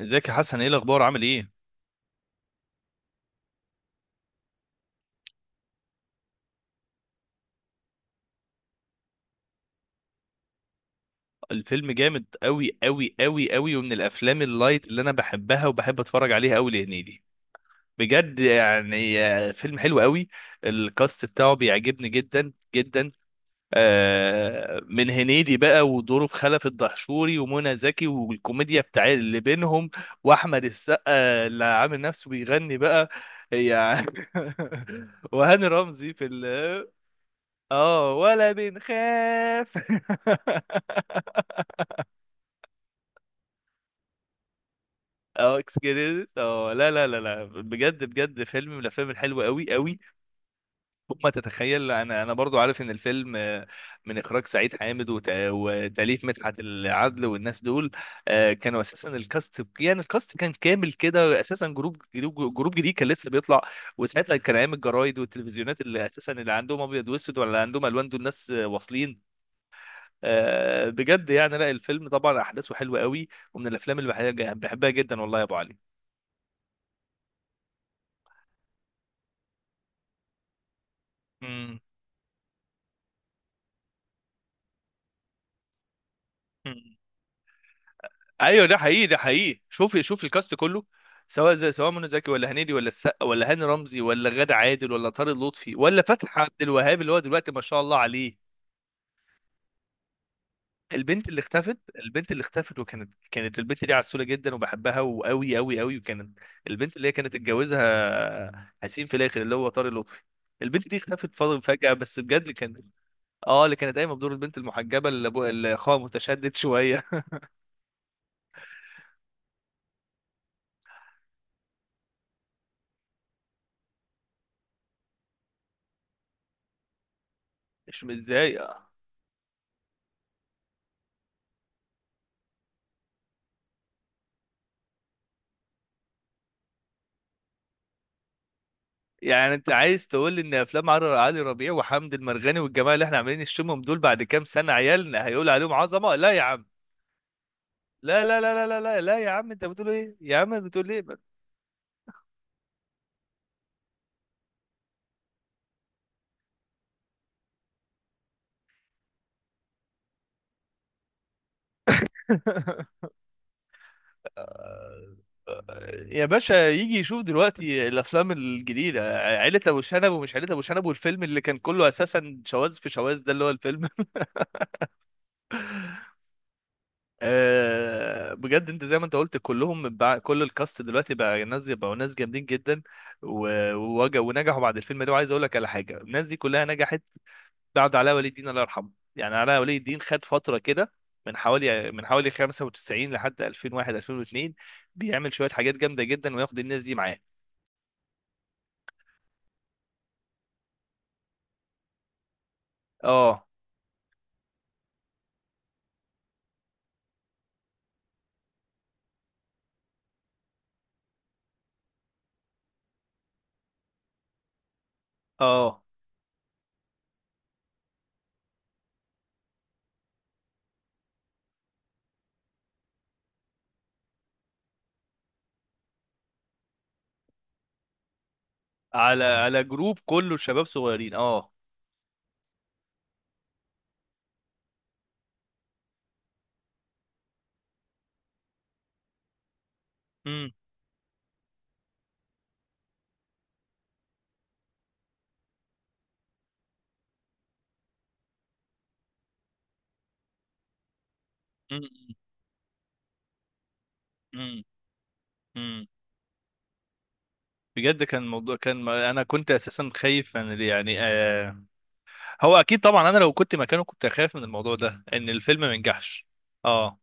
ازيك يا حسن، ايه الاخبار، عامل ايه؟ الفيلم جامد قوي قوي قوي قوي، ومن الافلام اللايت اللي انا بحبها وبحب اتفرج عليها قوي لهنيدي. بجد يعني، فيلم حلو قوي. الكاست بتاعه بيعجبني جدا جدا. من هنيدي بقى ودوره في خلف الدهشوري ومنى زكي، والكوميديا بتاع اللي بينهم، واحمد السقا اللي عامل نفسه بيغني بقى يعني. وهاني رمزي في ال، اه ولا بنخاف. اه اكسكيوريز، اه لا لا لا لا، بجد بجد فيلم من الافلام الحلوه قوي قوي. وما تتخيل، انا برضو عارف ان الفيلم، من اخراج سعيد حامد وتاليف مدحت العدل والناس دول. كانوا اساسا الكاست، يعني الكاست كان كامل كده اساسا، جروب جديد كان لسه بيطلع. وساعتها كان ايام الجرايد والتلفزيونات اللي اساسا اللي عندهم ابيض واسود، ولا عندهم الوان، دول الناس واصلين. بجد يعني، لا الفيلم طبعا احداثه حلوه قوي، ومن الافلام اللي بحبها جدا، والله يا ابو علي. مم. مم. ايوه ده حقيقي ده حقيقي، شوف شوف الكاست كله، سواء زي سواء منى زكي ولا هنيدي ولا السقا ولا هاني رمزي ولا غادة عادل ولا طارق لطفي ولا فتحي عبد الوهاب اللي هو دلوقتي ما شاء الله عليه. البنت اللي اختفت، البنت اللي اختفت، وكانت البنت دي عسولة جدا وبحبها، وقوي قوي قوي، وكانت البنت اللي هي كانت اتجوزها حسين في الاخر اللي هو طارق لطفي. البنت دي اختفت، فضل فجأة، بس بجد كان. اه، اللي كانت قايمه بدور البنت المحجبه اللي اللي اخوها متشدد شويه. مش متضايقه. يعني انت عايز تقول لي ان افلام علي ربيع وحمد المرغني والجماعه اللي احنا عاملين نشتمهم دول بعد كام سنه عيالنا هيقول عليهم عظمه؟ لا يا عم. لا لا لا لا لا لا, لا يا عم، انت بتقول ايه؟ يا عم بتقول ايه؟ يا باشا، يجي يشوف دلوقتي الافلام الجديده، عيله ابو شنب ومش عيله ابو شنب، والفيلم اللي كان كله اساسا شواذ في شواذ، ده اللي هو الفيلم. بجد انت زي ما انت قلت، كلهم بقى، كل الكاست دلوقتي بقى ناس، بقوا ناس جامدين جدا. ونجحوا بعد الفيلم ده. وعايز اقول لك على حاجه، الناس دي كلها نجحت بعد علاء ولي الدين الله يرحمه. يعني علاء ولي الدين خد فتره كده، من حوالي 95 لحد 2001 2002، بيعمل شويه حاجات جامده جدا وياخد الناس دي معاه. اه اه. على على جروب كله شباب صغيرين، اه. امم. امم. امم. بجد كان موضوع، كان انا كنت اساسا خايف من، يعني، هو اكيد طبعا، انا لو كنت مكانه كنت اخاف من الموضوع ده ان الفيلم ما ينجحش. اه.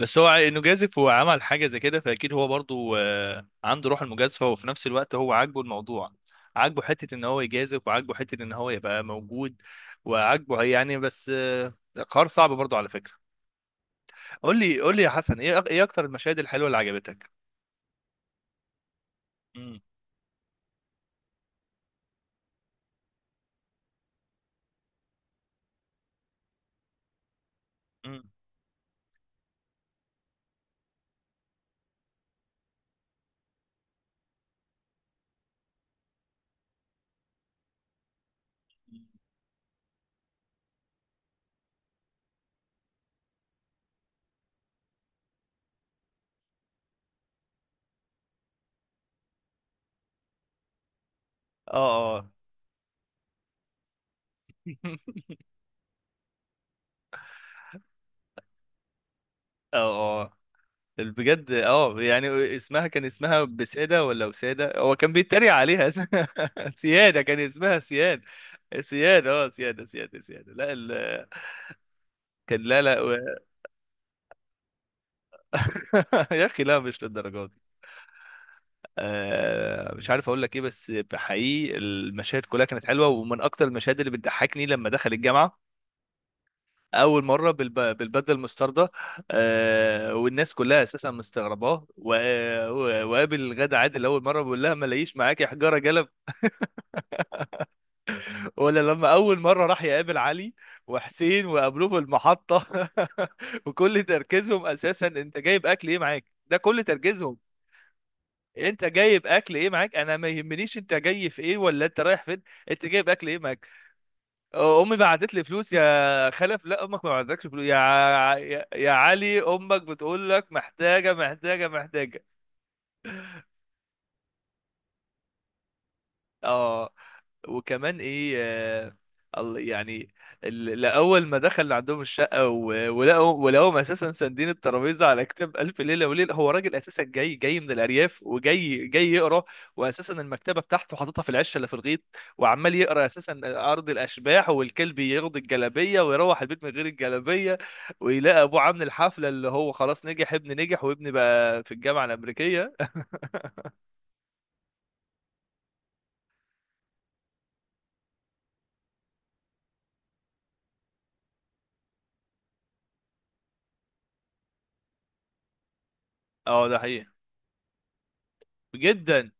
بس هو انه جازف وعمل حاجه زي كده، فاكيد هو برضو آه عنده روح المجازفه، وفي نفس الوقت هو عاجبه الموضوع. عاجبه حته ان هو يجازف، وعاجبه حته ان هو يبقى موجود. وعاجبه يعني، بس قرار صعب برضو على فكره. قول لي قول لي يا حسن، ايه ايه اكتر المشاهد الحلوه اللي عجبتك؟ امم. امم. اه اه. اه اه. بجد اه يعني، اسمها كان اسمها بسيدة ولا وسادة، هو كان بيتريق عليها سيادة. كان اسمها سياد، سياد، اه سيادة سيادة سيادة لا ال... كان لا لا و... يا اخي لا، مش للدرجة دي. مش عارف اقول لك ايه، بس حقيقي المشاهد كلها كانت حلوة. ومن اكتر المشاهد اللي بتضحكني لما دخل الجامعة اول مره بالبدله المستردة، والناس كلها اساسا مستغرباه، و... وقابل غادة عادل اول مره بيقول لها ما لاقيش معاكي حجاره. ولا لما اول مره راح يقابل علي وحسين وقابلوه في المحطه. وكل تركيزهم اساسا، انت جايب اكل ايه معاك؟ ده كل تركيزهم. انت جايب اكل ايه معاك؟ انا ما يهمنيش انت جاي في ايه، ولا انت رايح فين. انت جايب اكل ايه معاك؟ امي بعتت لي فلوس يا خلف. لا، امك ما بعتتكش فلوس يا يا علي، امك بتقول لك محتاجه محتاجه. اه. وكمان ايه؟ يعني، لأول ما دخل عندهم الشقة، ولقوهم أساسا ساندين الترابيزة على كتاب ألف ليلة وليلة. هو راجل أساسا، جاي من الأرياف، وجاي يقرأ. وأساسا المكتبة بتاعته حاططها في العشة اللي في الغيط، وعمال يقرأ أساسا أرض الأشباح، والكلب ياخد الجلابية ويروح البيت من غير الجلابية. ويلاقي أبوه عامل الحفلة، اللي هو خلاص نجح ابن، نجح وابني بقى في الجامعة الأمريكية. اه ده حقيقي جدا.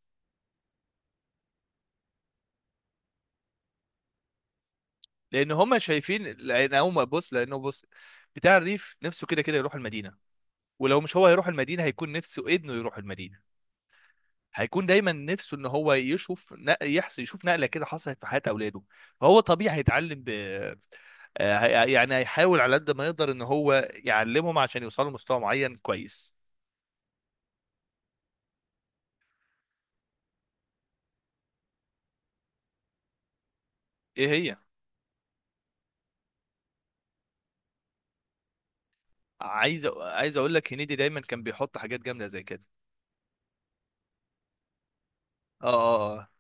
لان هم شايفين، لان هم بص، لانه بص، بتاع الريف نفسه كده كده يروح المدينه، ولو مش هو هيروح المدينه، هيكون نفسه ابنه يروح المدينه. هيكون دايما نفسه ان هو يشوف يحصل، يشوف نقله كده حصلت في حياه اولاده. فهو طبيعي هيتعلم ب... يعني هيحاول على قد ما يقدر ان هو يعلمهم عشان يوصلوا لمستوى معين كويس. ايه هي؟ عايز عايز اقول لك، هنيدي دايما كان بيحط حاجات جامده زي كده. اه اه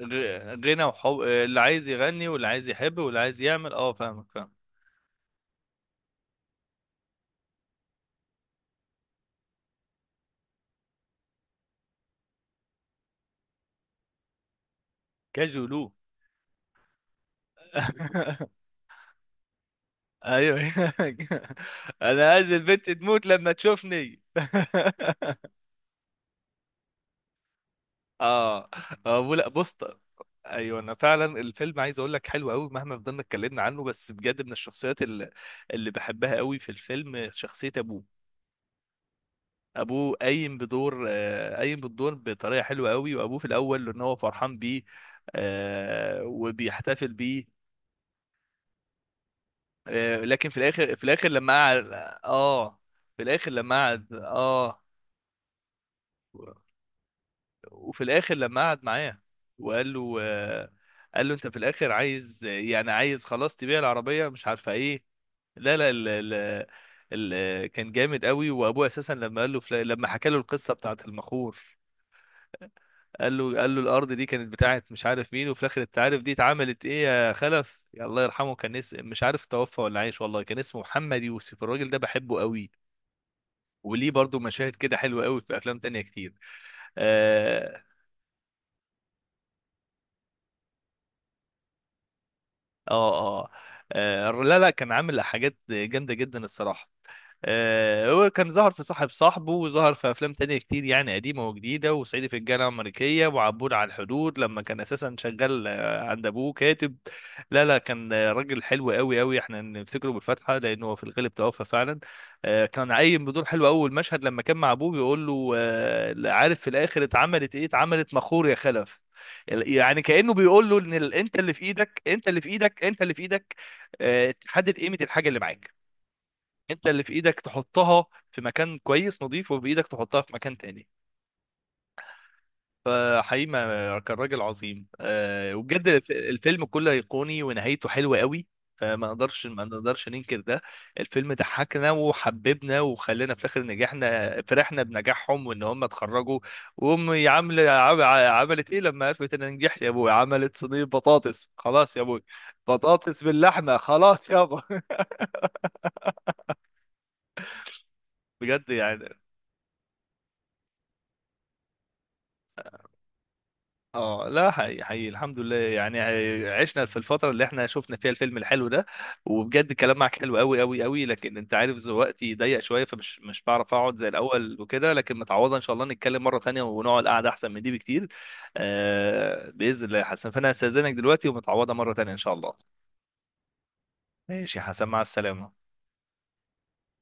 غنى وحب، اللي عايز يغني واللي عايز يحب واللي عايز يعمل، اه فاهمك فاهمك. كاجولو. ايوه. انا عايز البنت تموت لما تشوفني. اه. لا بص. ايوه انا فعلا الفيلم عايز اقول لك حلو قوي، مهما فضلنا اتكلمنا عنه. بس بجد من الشخصيات اللي، اللي بحبها قوي في الفيلم، شخصيه ابوه. ابوه قايم بدور، قايم بالدور بطريقه حلوه قوي. وابوه في الاول ان هو فرحان بيه، وبيحتفل بيه. لكن في الاخر، في الاخر لما قعد، اه، في الاخر لما قعد، اه، وفي الاخر لما قعد معاه وقال له، قال له انت في الاخر عايز، يعني عايز خلاص تبيع العربيه مش عارفه ايه. لا لا ال كان جامد قوي. وابوه اساسا لما قال له لما حكى له القصه بتاعت المخور. قال له، قال له الارض دي كانت بتاعت مش عارف مين، وفي الاخر انت عارف دي اتعملت ايه يا خلف، يا الله يرحمه كان اسم، مش عارف توفى ولا عايش، والله كان اسمه محمد يوسف، الراجل ده بحبه قوي. وليه برضو مشاهد كده حلوه قوي في افلام تانية كتير. اه اه, لا لا كان عامل حاجات جامده جدا الصراحه. هو كان ظهر في صاحب صاحبه، وظهر في افلام تانية كتير يعني قديمة وجديدة، وصعيدي في الجامعة الأمريكية، وعبود على الحدود لما كان اساسا شغال عند ابوه كاتب. لا لا كان راجل حلو قوي قوي، احنا نفتكره بالفتحة لانه هو في الغالب توفى فعلا. كان عايم بدور حلو، اول مشهد لما كان مع ابوه بيقول له عارف في الاخر اتعملت ايه؟ اتعملت مخور يا خلف. يعني كأنه بيقول له ان انت اللي في ايدك، انت اللي في ايدك، انت اللي في ايدك، تحدد قيمة الحاجة اللي معاك. انت اللي في ايدك تحطها في مكان كويس نظيف، وبايدك تحطها في مكان تاني. فحقيقي كان راجل عظيم، أه. وبجد الفيلم كله ايقوني ونهايته حلوه قوي. فما نقدرش ما نقدرش ننكر ده. الفيلم ضحكنا وحببنا وخلانا في الاخر نجحنا، فرحنا بنجاحهم وان هم اتخرجوا. وامي عامله عملت ايه لما عرفت ان أنا نجحت يا ابوي؟ عملت صينيه بطاطس خلاص يا ابوي، بطاطس باللحمه خلاص يابا. بجد يعني. اه لا حقيقي حقيقي، الحمد لله يعني، عشنا في الفترة اللي احنا شفنا فيها الفيلم الحلو ده. وبجد الكلام معاك حلو قوي قوي قوي، لكن انت عارف وقتي ضيق شوية، فمش مش بعرف اقعد زي الاول وكده، لكن متعوضة ان شاء الله، نتكلم مرة تانية ونقعد قعدة احسن من دي بكتير. آه بإذن الله يا حسن، فانا هستأذنك دلوقتي ومتعوضة مرة تانية ان شاء الله. ماشي يا حسن، مع السلامة.